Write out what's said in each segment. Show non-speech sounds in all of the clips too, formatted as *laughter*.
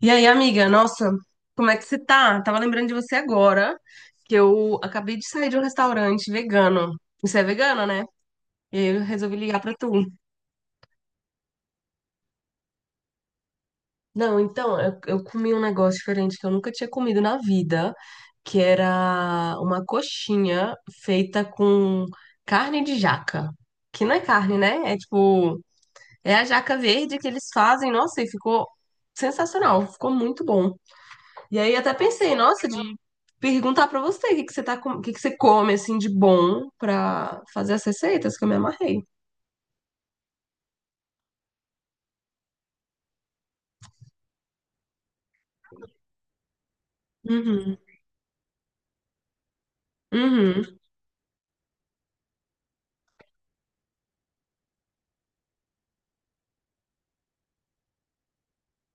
E aí, amiga, nossa, como é que você tá? Tava lembrando de você agora, que eu acabei de sair de um restaurante vegano. Você é vegana, né? E aí eu resolvi ligar pra tu. Não, então, eu comi um negócio diferente que eu nunca tinha comido na vida, que era uma coxinha feita com carne de jaca. Que não é carne, né? É tipo, é a jaca verde que eles fazem, nossa, e ficou sensacional, ficou muito bom. E aí até pensei, nossa, de perguntar pra você o que que você tá, o que que você come assim de bom pra fazer as receitas que eu me amarrei. Uhum. Uhum.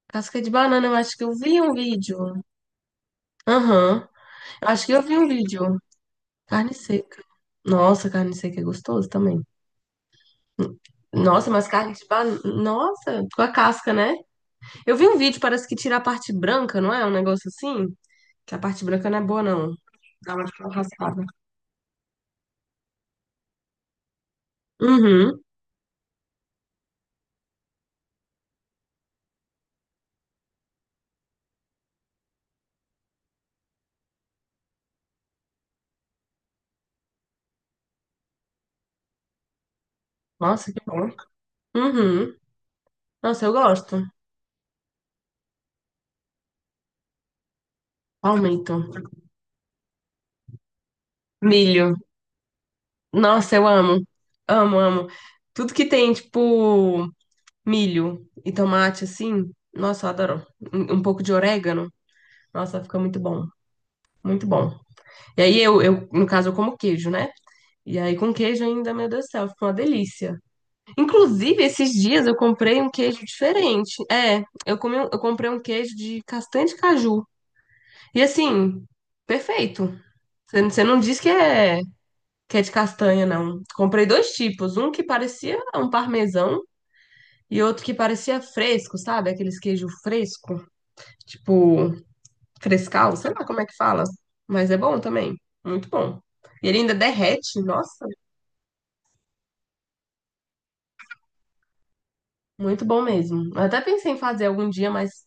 Casca de banana, eu acho que eu vi um vídeo. Aham. Eu acho que eu vi um vídeo. Carne seca. Nossa, carne seca é gostoso também. Nossa, mas carne de banana. Nossa, com a casca, né? Eu vi um vídeo, parece que tira a parte branca, não é? Um negócio assim? Que a parte branca não é boa, não. Dá uma tipo raspada. Uhum. Nossa, que bom. Uhum. Nossa, eu gosto. Aumento. Milho. Nossa, eu amo. Amo, amo. Tudo que tem, tipo, milho e tomate, assim. Nossa, eu adoro. Um pouco de orégano. Nossa, fica muito bom. Muito bom. E aí eu, no caso, eu como queijo, né? E aí com queijo ainda, meu Deus do céu, fica uma delícia. Inclusive, esses dias eu comprei um queijo diferente. É, eu comi, eu comprei um queijo de castanha de caju. E assim, perfeito. Você não diz que é de castanha, não. Comprei dois tipos, um que parecia um parmesão e outro que parecia fresco, sabe? Aqueles queijo fresco, tipo frescal, sei lá como é que fala, mas é bom também, muito bom. E ele ainda derrete, nossa, muito bom mesmo. Eu até pensei em fazer algum dia, mas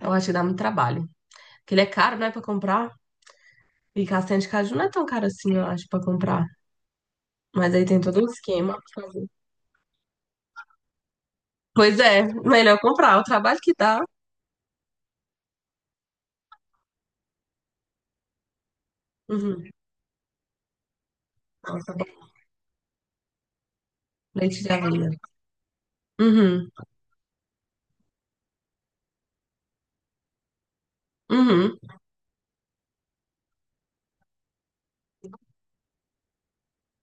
eu acho que dá muito trabalho. Porque ele é caro, né, pra comprar. E castanha de caju não é tão caro assim, eu acho, pra comprar. Mas aí tem todo um esquema pra fazer. Pois é, melhor comprar. O trabalho que dá. Uhum. Nossa, leite de aveia. Uhum, uhum.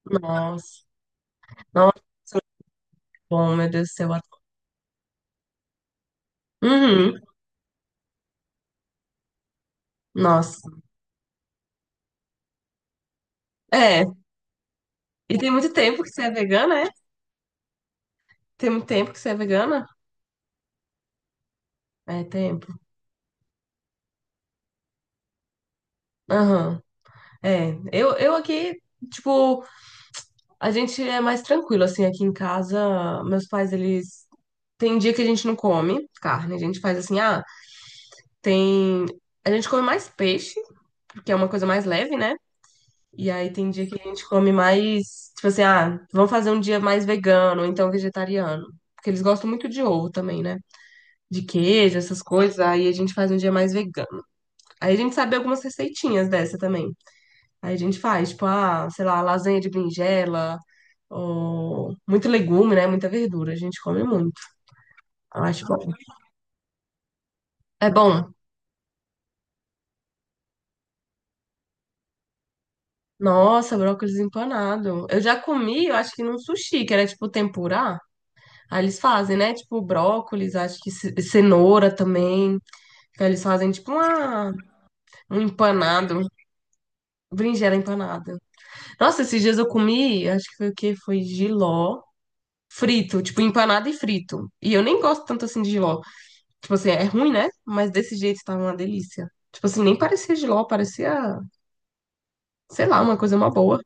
Nossa, nossa, bom, meu Deus do céu. Uhum, nossa. É, e tem muito tempo que você é vegana, é? Tem muito tempo que você é vegana? É, tempo. Aham, é. Eu aqui, tipo, a gente é mais tranquilo, assim, aqui em casa, meus pais, eles... Tem dia que a gente não come carne, a gente faz assim, ah, tem... A gente come mais peixe, porque é uma coisa mais leve, né? E aí tem dia que a gente come mais, tipo assim, ah, vamos fazer um dia mais vegano, ou então vegetariano. Porque eles gostam muito de ovo também, né? De queijo, essas coisas. Aí a gente faz um dia mais vegano. Aí a gente sabe algumas receitinhas dessa também. Aí a gente faz, tipo, ah, sei lá, lasanha de berinjela, ou muito legume, né? Muita verdura. A gente come muito. Eu acho bom. É bom. Nossa, brócolis empanado. Eu já comi, eu acho que num sushi, que era tipo tempurá. Aí eles fazem, né? Tipo, brócolis, acho que cenoura também. Aí eles fazem, tipo, uma, um empanado, um berinjela empanada. Nossa, esses dias eu comi, acho que foi o quê? Foi jiló frito, tipo, empanado e frito. E eu nem gosto tanto assim de jiló. Tipo assim, é ruim, né? Mas desse jeito estava uma delícia. Tipo assim, nem parecia jiló, parecia, sei lá, uma coisa uma boa.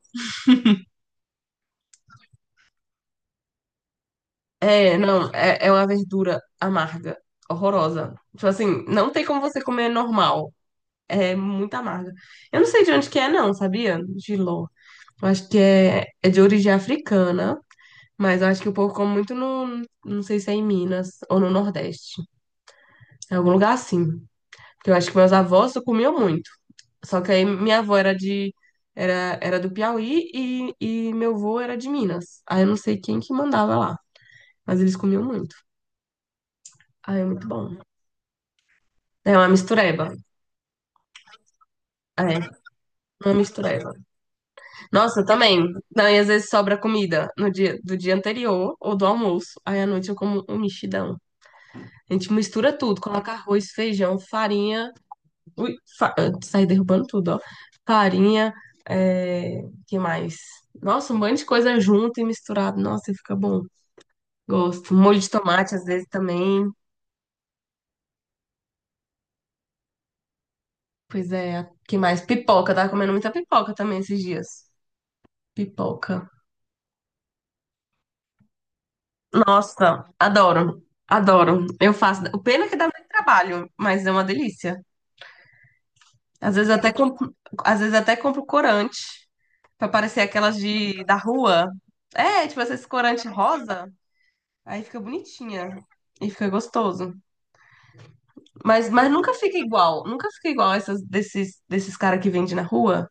Não, é uma verdura amarga, horrorosa. Tipo assim, não tem como você comer normal. É muito amarga. Eu não sei de onde que é, não, sabia? Jiló. Eu acho que é de origem africana, mas eu acho que o povo come muito no. Não sei se é em Minas ou no Nordeste. Em algum lugar assim. Porque eu acho que meus avós comiam muito. Só que aí minha avó era de. Era do Piauí e meu avô era de Minas. Aí eu não sei quem que mandava lá. Mas eles comiam muito. Aí é muito bom. É uma mistureba. É, uma mistureba. Nossa, eu também. Não, e às vezes sobra comida no dia, do dia anterior ou do almoço. Aí à noite eu como um mexidão. A gente mistura tudo, coloca arroz, feijão, farinha. Ui, fa... eu saí derrubando tudo, ó. Farinha, é... que mais? Nossa, um monte de coisa junto e misturado. Nossa, e fica bom. Gosto. Molho de tomate às vezes também. Pois é, que mais? Pipoca, eu tava comendo muita pipoca também esses dias. Pipoca. Nossa, adoro, adoro. Eu faço. O pena é que dá muito trabalho, mas é uma delícia. Às vezes até compro, às vezes até compro corante pra parecer aquelas de da rua. É, tipo esse corante rosa, aí fica bonitinha e fica gostoso. Mas nunca fica igual, nunca fica igual essas desses cara que vende na rua.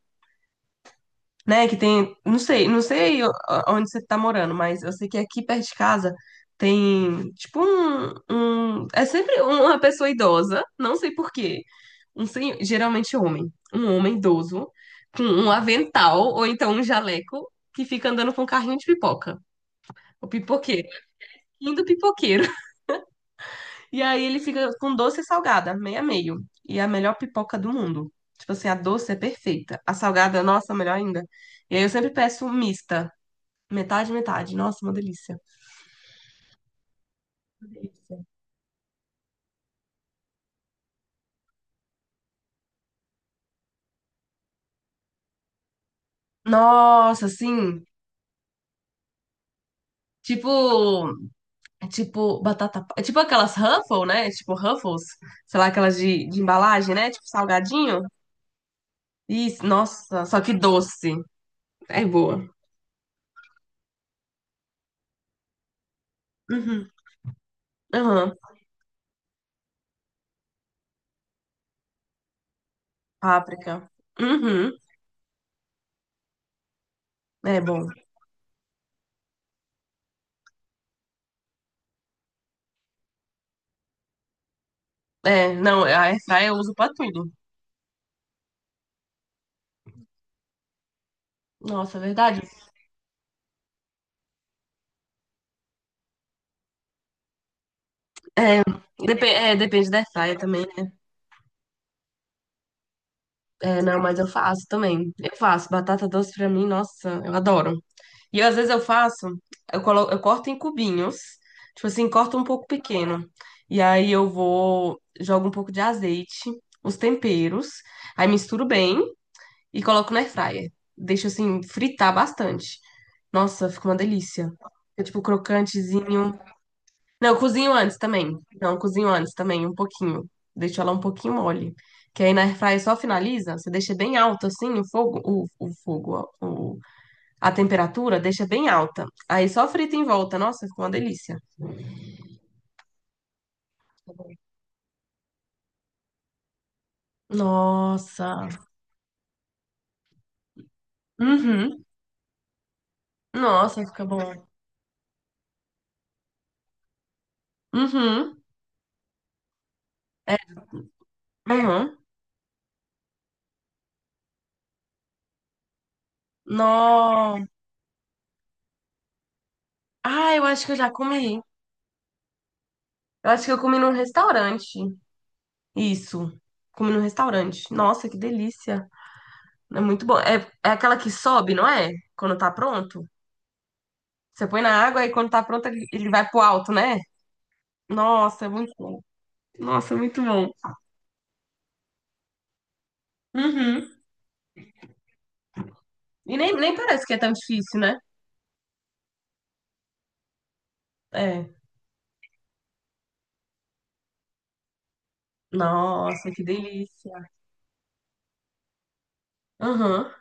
Né? Que tem, não sei, não sei onde você tá morando, mas eu sei que aqui perto de casa tem tipo um, é sempre uma pessoa idosa, não sei por quê, um senhor, geralmente homem, um homem idoso com um avental ou então um jaleco que fica andando com um carrinho de pipoca. O pipoqueiro, lindo pipoqueiro. *laughs* E aí ele fica com doce e salgada, meio a meio. E é a melhor pipoca do mundo. Tipo assim, a doce é perfeita. A salgada, nossa, melhor ainda. E aí eu sempre peço mista. Metade, metade. Nossa, uma delícia. Uma delícia. Nossa, assim, tipo, tipo batata, é tipo aquelas Ruffles, né? Tipo Ruffles, sei lá, aquelas de embalagem, né? Tipo salgadinho. Isso, nossa, só que doce. É boa. Uhum. Aham. Páprica. Uhum. É bom. É, não, a airfryer eu uso pra tudo. Nossa, é verdade. É, é, depende da airfryer também, né? É, não, mas eu faço também. Eu faço batata doce pra mim, nossa, eu adoro. E às vezes eu faço, eu colo, eu corto em cubinhos, tipo assim, corto um pouco pequeno. E aí eu vou, jogo um pouco de azeite, os temperos, aí misturo bem e coloco na airfryer. Deixo assim fritar bastante. Nossa, fica uma delícia. Fica tipo crocantezinho. Não, eu cozinho antes também. Não, eu cozinho antes também, um pouquinho. Deixo ela um pouquinho mole. Que aí na airfryer só finaliza, você deixa bem alto assim o fogo, o fogo, ó, a temperatura deixa bem alta. Aí só frita em volta. Nossa, fica uma delícia. Nossa. Uhum. Nossa, fica bom. Uhum. Uhum. No... Ah, eu acho que eu já comi. Eu acho que eu comi num restaurante. Isso. Comi num restaurante. Nossa, que delícia. É muito bom. É, é aquela que sobe, não é? Quando tá pronto. Você põe na água e quando tá pronto ele vai pro alto, né? Nossa, é muito bom. Nossa, é muito bom. Uhum. E nem parece que é tão difícil, né? É. Nossa, que delícia. Aham.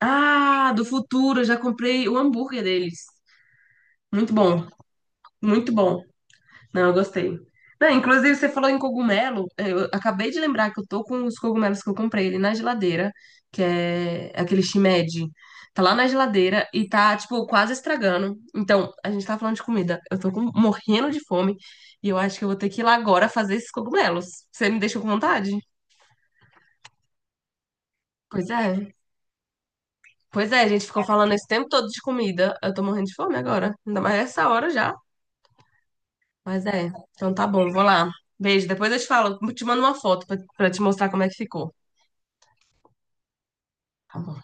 Ah, do futuro, eu já comprei o hambúrguer deles. Muito bom, muito bom. Não, eu gostei. Não, inclusive, você falou em cogumelo. Eu acabei de lembrar que eu tô com os cogumelos que eu comprei ali na geladeira, que é aquele shimeji. Tá lá na geladeira e tá, tipo, quase estragando. Então, a gente tá falando de comida. Eu tô morrendo de fome e eu acho que eu vou ter que ir lá agora fazer esses cogumelos. Você me deixou com vontade? Pois é. Pois é, a gente ficou falando esse tempo todo de comida. Eu tô morrendo de fome agora. Ainda mais essa hora já. Mas é. Então tá bom, vou lá. Beijo. Depois eu te falo. Te mando uma foto pra te mostrar como é que ficou. Tá bom.